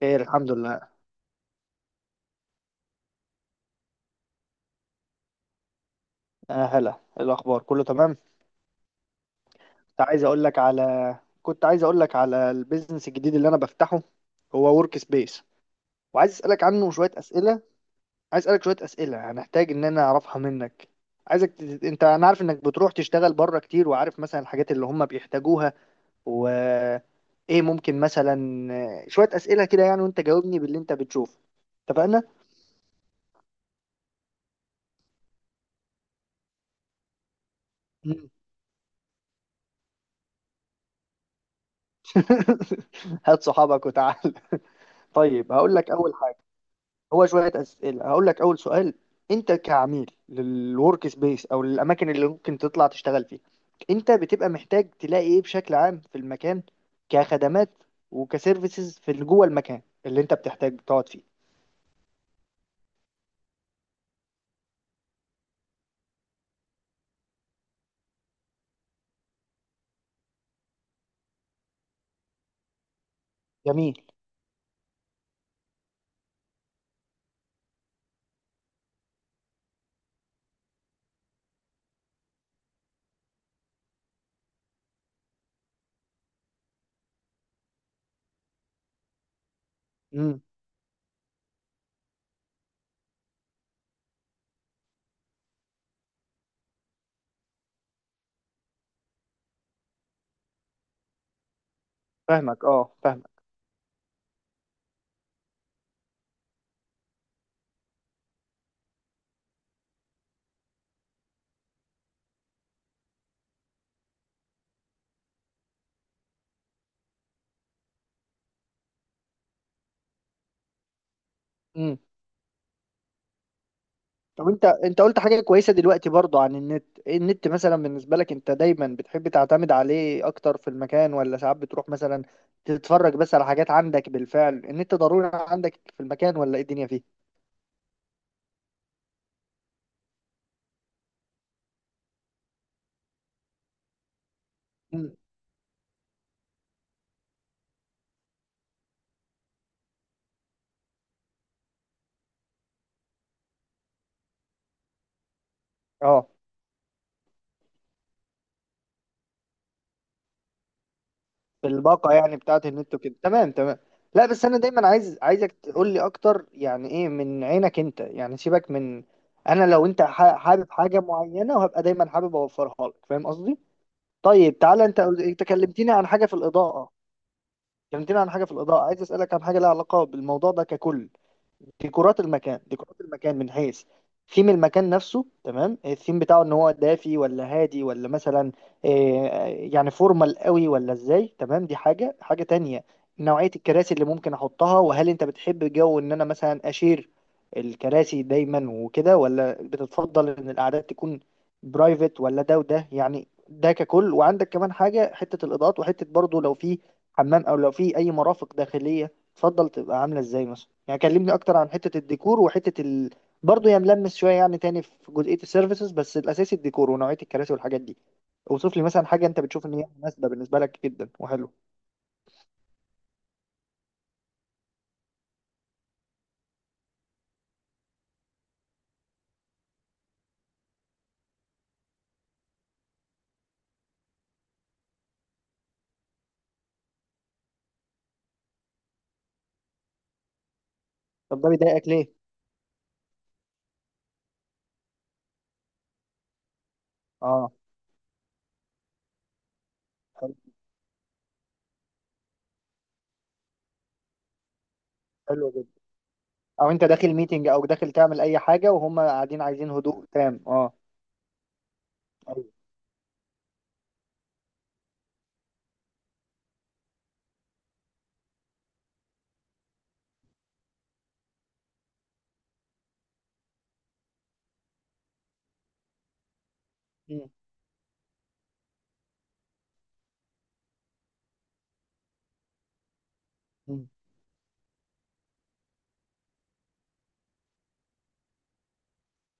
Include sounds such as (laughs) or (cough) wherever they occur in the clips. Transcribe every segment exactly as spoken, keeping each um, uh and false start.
خير الحمد لله. آه هلا. إيه الاخبار، كله تمام؟ كنت عايز اقول لك على كنت عايز اقول لك على البيزنس الجديد اللي انا بفتحه، هو ورك سبيس، وعايز اسالك عنه شويه اسئله. عايز اسالك شويه اسئله هنحتاج ان انا اعرفها منك. عايزك تت... انت، انا عارف انك بتروح تشتغل بره كتير، وعارف مثلا الحاجات اللي هم بيحتاجوها، و ايه ممكن مثلا. آه، شويه اسئله كده يعني، وانت جاوبني باللي انت بتشوفه. اتفقنا. مم. (laughs) هات صحابك وتعال. (laughs) طيب هقول لك اول حاجه، هو شوية أسئلة. هقول لك أول سؤال، أنت كعميل للورك سبيس أو للأماكن اللي ممكن تطلع تشتغل فيها، أنت بتبقى محتاج تلاقي إيه بشكل عام في المكان كخدمات وكسيرفيسز في اللي جوه المكان اللي أنت بتحتاج تقعد فيه؟ جميل. امم. فاهمك، أه فاهمك. امم. طب انت، انت قلت حاجة كويسة دلوقتي برضو عن النت، ايه النت مثلا بالنسبة لك؟ انت دايما بتحب تعتمد عليه اكتر في المكان، ولا ساعات بتروح مثلا تتفرج بس على حاجات عندك بالفعل؟ النت ضروري عندك في المكان ولا ايه الدنيا فيه؟ مم. اه، في الباقة يعني بتاعت النت وكده، تمام تمام. لا بس انا دايما عايز، عايزك تقول لي اكتر يعني ايه من عينك انت، يعني سيبك من، انا لو انت ح- حابب حاجة معينة وهبقى دايما حابب اوفرها لك، فاهم قصدي؟ طيب تعالى، انت انت كلمتني عن حاجة في الإضاءة، كلمتني عن حاجة في الإضاءة، عايز أسألك عن حاجة لها علاقة بالموضوع ده ككل. ديكورات المكان، ديكورات المكان من حيث ثيم المكان نفسه، تمام؟ الثيم بتاعه، ان هو دافي ولا هادي ولا مثلا آه، آه، يعني فورمال قوي ولا ازاي، تمام؟ دي حاجة، حاجة تانية نوعية الكراسي اللي ممكن احطها، وهل انت بتحب جو ان انا مثلا اشير الكراسي دايما وكده، ولا بتتفضل ان القعدات تكون برايفت، ولا ده وده، يعني ده ككل. وعندك كمان حاجة، حتة الاضاءات، وحتة برضو لو في حمام او لو في اي مرافق داخلية، تفضل تبقى عامله ازاي مثلا؟ يعني كلمني اكتر عن حته الديكور وحته ال... برضه يعني ملمس شويه يعني تاني في جزئيه السيرفيسز، بس الاساسي الديكور ونوعيه الكراسي والحاجات دي. اوصف لي مثلا حاجه انت بتشوف ان هي مناسبه بالنسبه لك جدا وحلو. طب ده بيضايقك ليه؟ اه. حلو. حلو جدا. او انت داخل ميتنج او داخل تعمل اي حاجه، وهم قاعدين عايزين هدوء تام، اه. ايوه. مم. مم.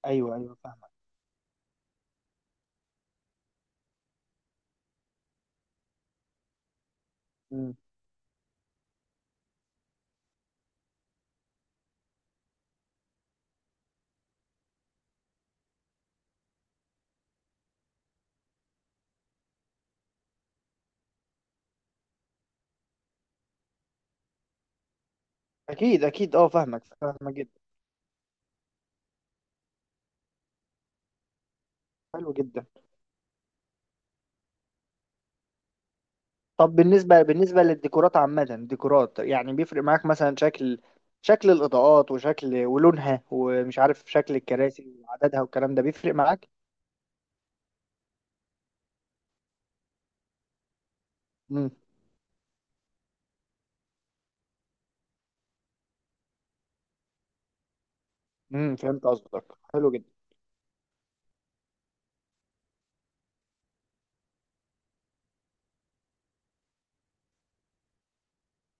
ايوه ايوه فاهمك. مم. اكيد اكيد، اه فاهمك، فاهمك جدا. حلو جدا. طب بالنسبة، بالنسبة للديكورات عامة، ديكورات يعني بيفرق معاك مثلا شكل، شكل الإضاءات وشكل ولونها ومش عارف شكل الكراسي وعددها والكلام ده، بيفرق معاك؟ امم. امم فهمت قصدك. حلو جدا.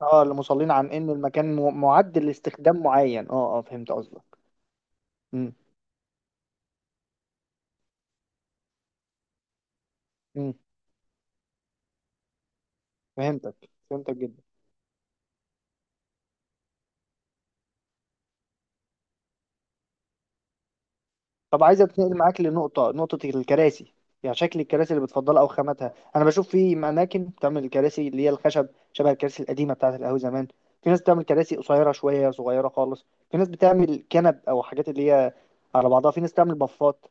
اه المصلين، عن إن المكان م- معد لاستخدام معين، اه اه فهمت قصدك. امم. امم فهمتك، فهمتك جدا. طب عايز اتنقل معاك لنقطة، نقطة الكراسي، يعني شكل الكراسي اللي بتفضلها أو خاماتها. أنا بشوف في أماكن بتعمل الكراسي اللي هي الخشب، شبه الكراسي القديمة بتاعة القهوة زمان. في ناس بتعمل كراسي قصيرة شوية صغيرة خالص. في ناس بتعمل كنب أو حاجات اللي هي على بعضها. في ناس تعمل بفات.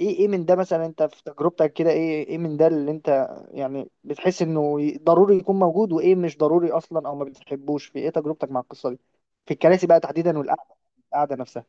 إيه، إيه من ده مثلا أنت في تجربتك كده؟ إيه إيه من ده اللي أنت يعني بتحس إنه ي- ضروري يكون موجود، وإيه مش ضروري أصلا أو ما بتحبوش في إيه تجربتك مع القصة دي في الكراسي بقى تحديدا، والقعدة، القعدة نفسها؟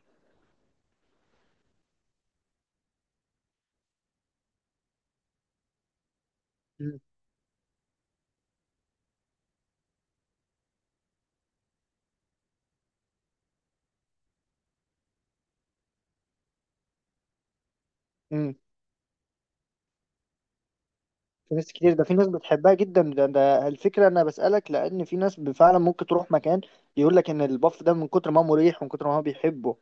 في ناس كتير، ده في ناس بتحبها جدا، ده, ده الفكرة، أنا بسألك لأن في ناس ب- فعلا ممكن تروح مكان يقول لك إن البف ده من كتر ما هو مريح ومن كتر ما هو بيحبه،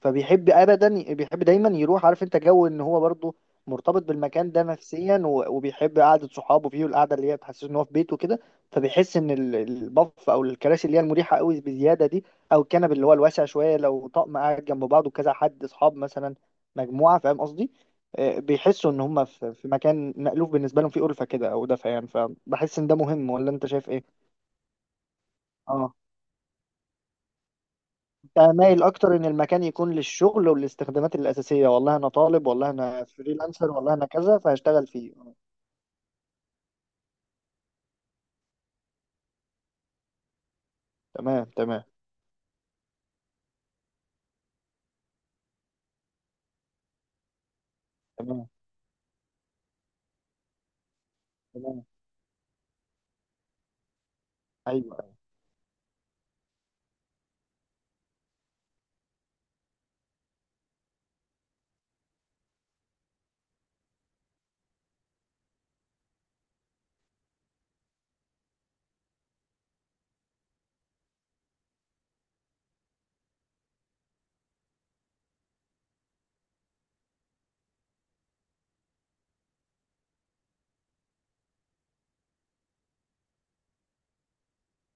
فبيحب أبدا، بيحب دايما يروح، عارف أنت جو إن هو برضه مرتبط بالمكان ده نفسيا، و- وبيحب قعدة صحابه فيه، والقعدة اللي هي تحسسه إن هو في بيته كده، فبيحس إن ال- البف أو الكراسي اللي هي المريحة قوي بزيادة دي، أو الكنب اللي هو الواسع شوية لو طقم قاعد جنب بعضه كذا حد أصحاب مثلا مجموعة، فاهم قصدي؟ آه، بيحسوا ان هم في، في مكان مألوف بالنسبه لهم، في ألفة كده او دفء يعني، فبحس ان ده مهم، ولا انت شايف ايه؟ اه. انت مايل اكتر ان المكان يكون للشغل والاستخدامات الاساسيه، والله انا طالب، والله انا فريلانسر، والله انا كذا فهشتغل فيه آه، تمام تمام، تمام تمام. ايوه.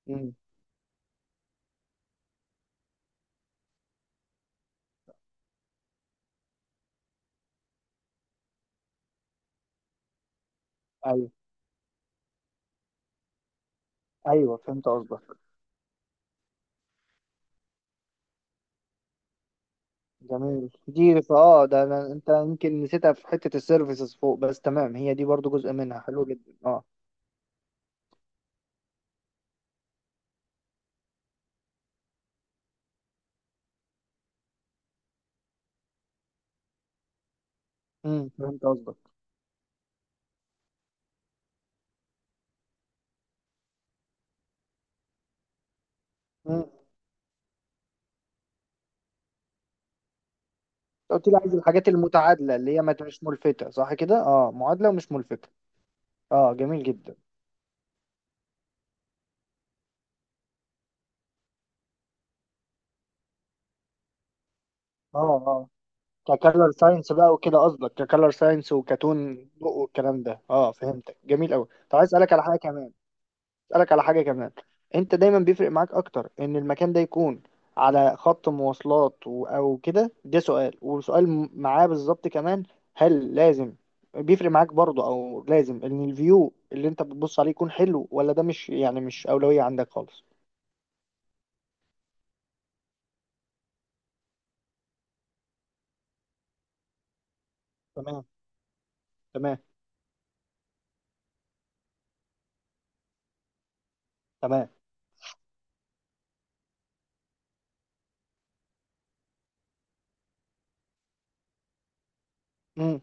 امم. ايوه ايوه فهمت قصدك. جميل، دي اه ده، أنا انت يمكن نسيتها في حته السيرفيسز فوق، بس تمام هي دي برضو جزء منها، حلو جدا اه. امم فهمت قصدك. أمم. قلت لي عايز الحاجات المتعادله اللي هي ما تبقاش ملفته، صح كده؟ اه، معادله ومش ملفته، اه. جميل جدا اه. اه ككلر ساينس بقى وكده قصدك، ككلر ساينس وكتون ضوء والكلام ده، اه فهمتك، جميل قوي. طب عايز اسالك على حاجه كمان، اسالك على حاجه كمان، انت دايما بيفرق معاك اكتر ان المكان ده يكون على خط مواصلات و- او كده، ده سؤال. وسؤال م- معاه بالظبط كمان، هل لازم، بيفرق معاك برضه او لازم ان الفيو اللي انت بتبص عليه يكون حلو، ولا ده مش يعني مش اولويه عندك خالص؟ تمام. تمام. تمام. امم.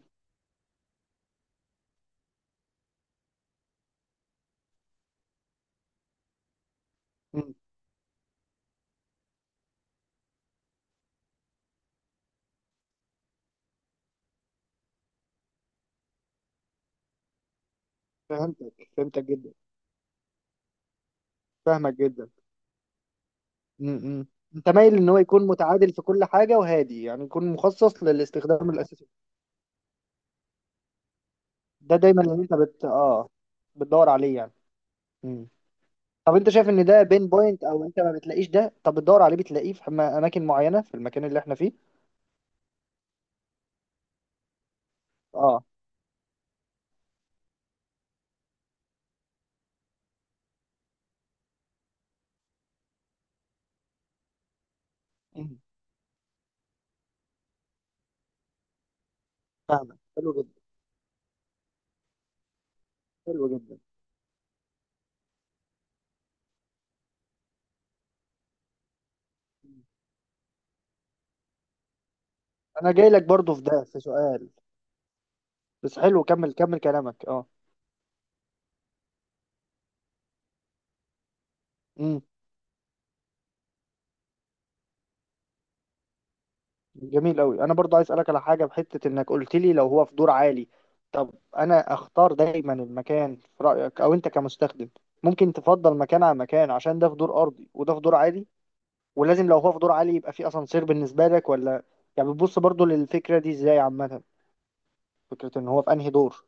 امم فهمتك، فهمتك جدا. فاهمك جدا. امم. امم. انت مايل ان هو يكون متعادل في كل حاجه وهادي، يعني يكون مخصص للاستخدام الاساسي، ده دايما اللي انت بت اه بتدور عليه يعني. امم. طب انت شايف ان ده بين بوينت، او انت ما بتلاقيش ده، طب بتدور عليه بتلاقيه في أما- اماكن معينه في المكان اللي احنا فيه؟ اه. امم فاهمك، حلو جدا. حلو جدا. مم. انا جاي لك برضو في ده في سؤال، بس حلو كمل، كمل كلامك اه. امم. جميل قوي. انا برضو عايز اسالك على حاجه بحته، انك قلت لي لو هو في دور عالي، طب انا اختار دايما المكان في رايك، او انت كمستخدم ممكن تفضل مكان على مكان عشان ده في دور ارضي وده في دور عالي؟ ولازم لو هو في دور عالي يبقى في اسانسير بالنسبه لك، ولا يعني بتبص برضو للفكره دي ازاي عامه، فكره ان هو في انهي دور؟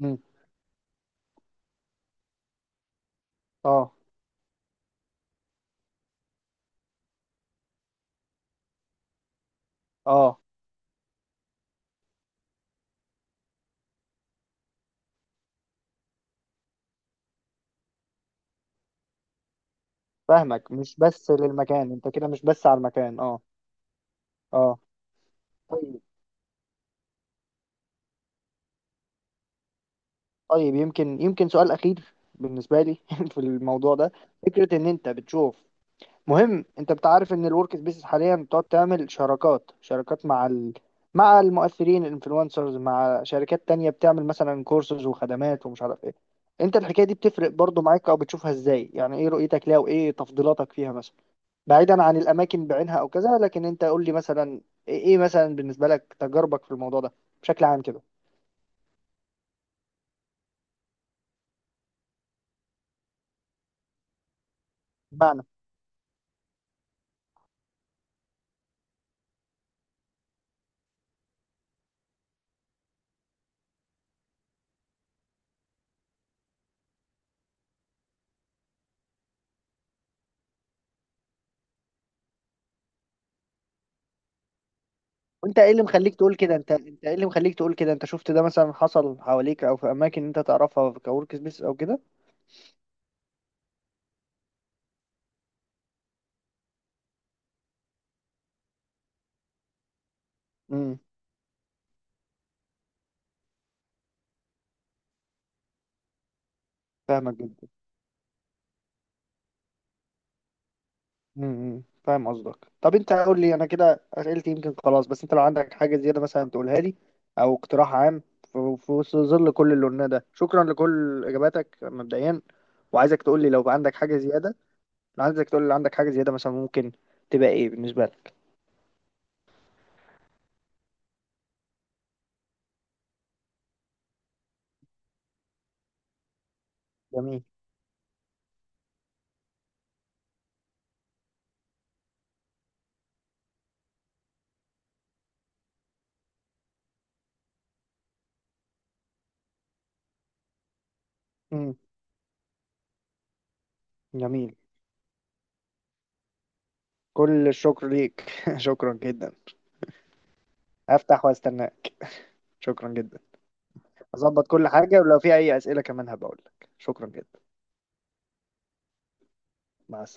مم. اه. اه فاهمك، مش بس للمكان انت كده، مش بس على المكان اه. اه. طيب. طيب يمكن، يمكن سؤال اخير بالنسبه لي (laughs) في الموضوع ده، فكرة إن أنت بتشوف مهم، انت بتعرف ان الورك سبيسز حاليا بتقعد تعمل شراكات، شراكات مع ال... مع المؤثرين الانفلونسرز، مع شركات تانية بتعمل مثلا كورسز وخدمات ومش عارف ايه، انت الحكاية دي بتفرق برضو معاك او بتشوفها ازاي؟ يعني ايه رؤيتك ليها وايه تفضيلاتك فيها مثلا، بعيدا عن الاماكن بعينها او كذا، لكن انت قول لي مثلا ايه، إيه مثلا بالنسبة لك تجاربك في الموضوع ده بشكل عام كده. بمعنى، وانت ايه اللي مخليك تقول كده؟ انت، انت ايه اللي مخليك تقول كده؟ انت شفت ده مثلا حصل حواليك او في اماكن انت تعرفها كورك سبيس او كده؟ فاهمك جدا. امم فاهم قصدك. طب انت قول لي، انا كده اسئلتي يمكن خلاص، بس انت لو عندك حاجه زياده مثلا تقولها لي او اقتراح عام في، في وسط ظل كل اللي قلناه ده. شكرا لكل اجاباتك مبدئيا، وعايزك تقول لي لو بقى عندك حاجه زياده، لو عايزك تقول لي لو عندك حاجه زياده مثلا، ممكن تبقى ايه بالنسبه لك؟ جميل. امم. جميل. كل الشكر ليك. (laughs) شكرا جدا. هفتح واستناك. شكرا جدا. اظبط كل حاجه، ولو في اي اسئله كمان هبقول لك، شكرا جدا. مع السلامه.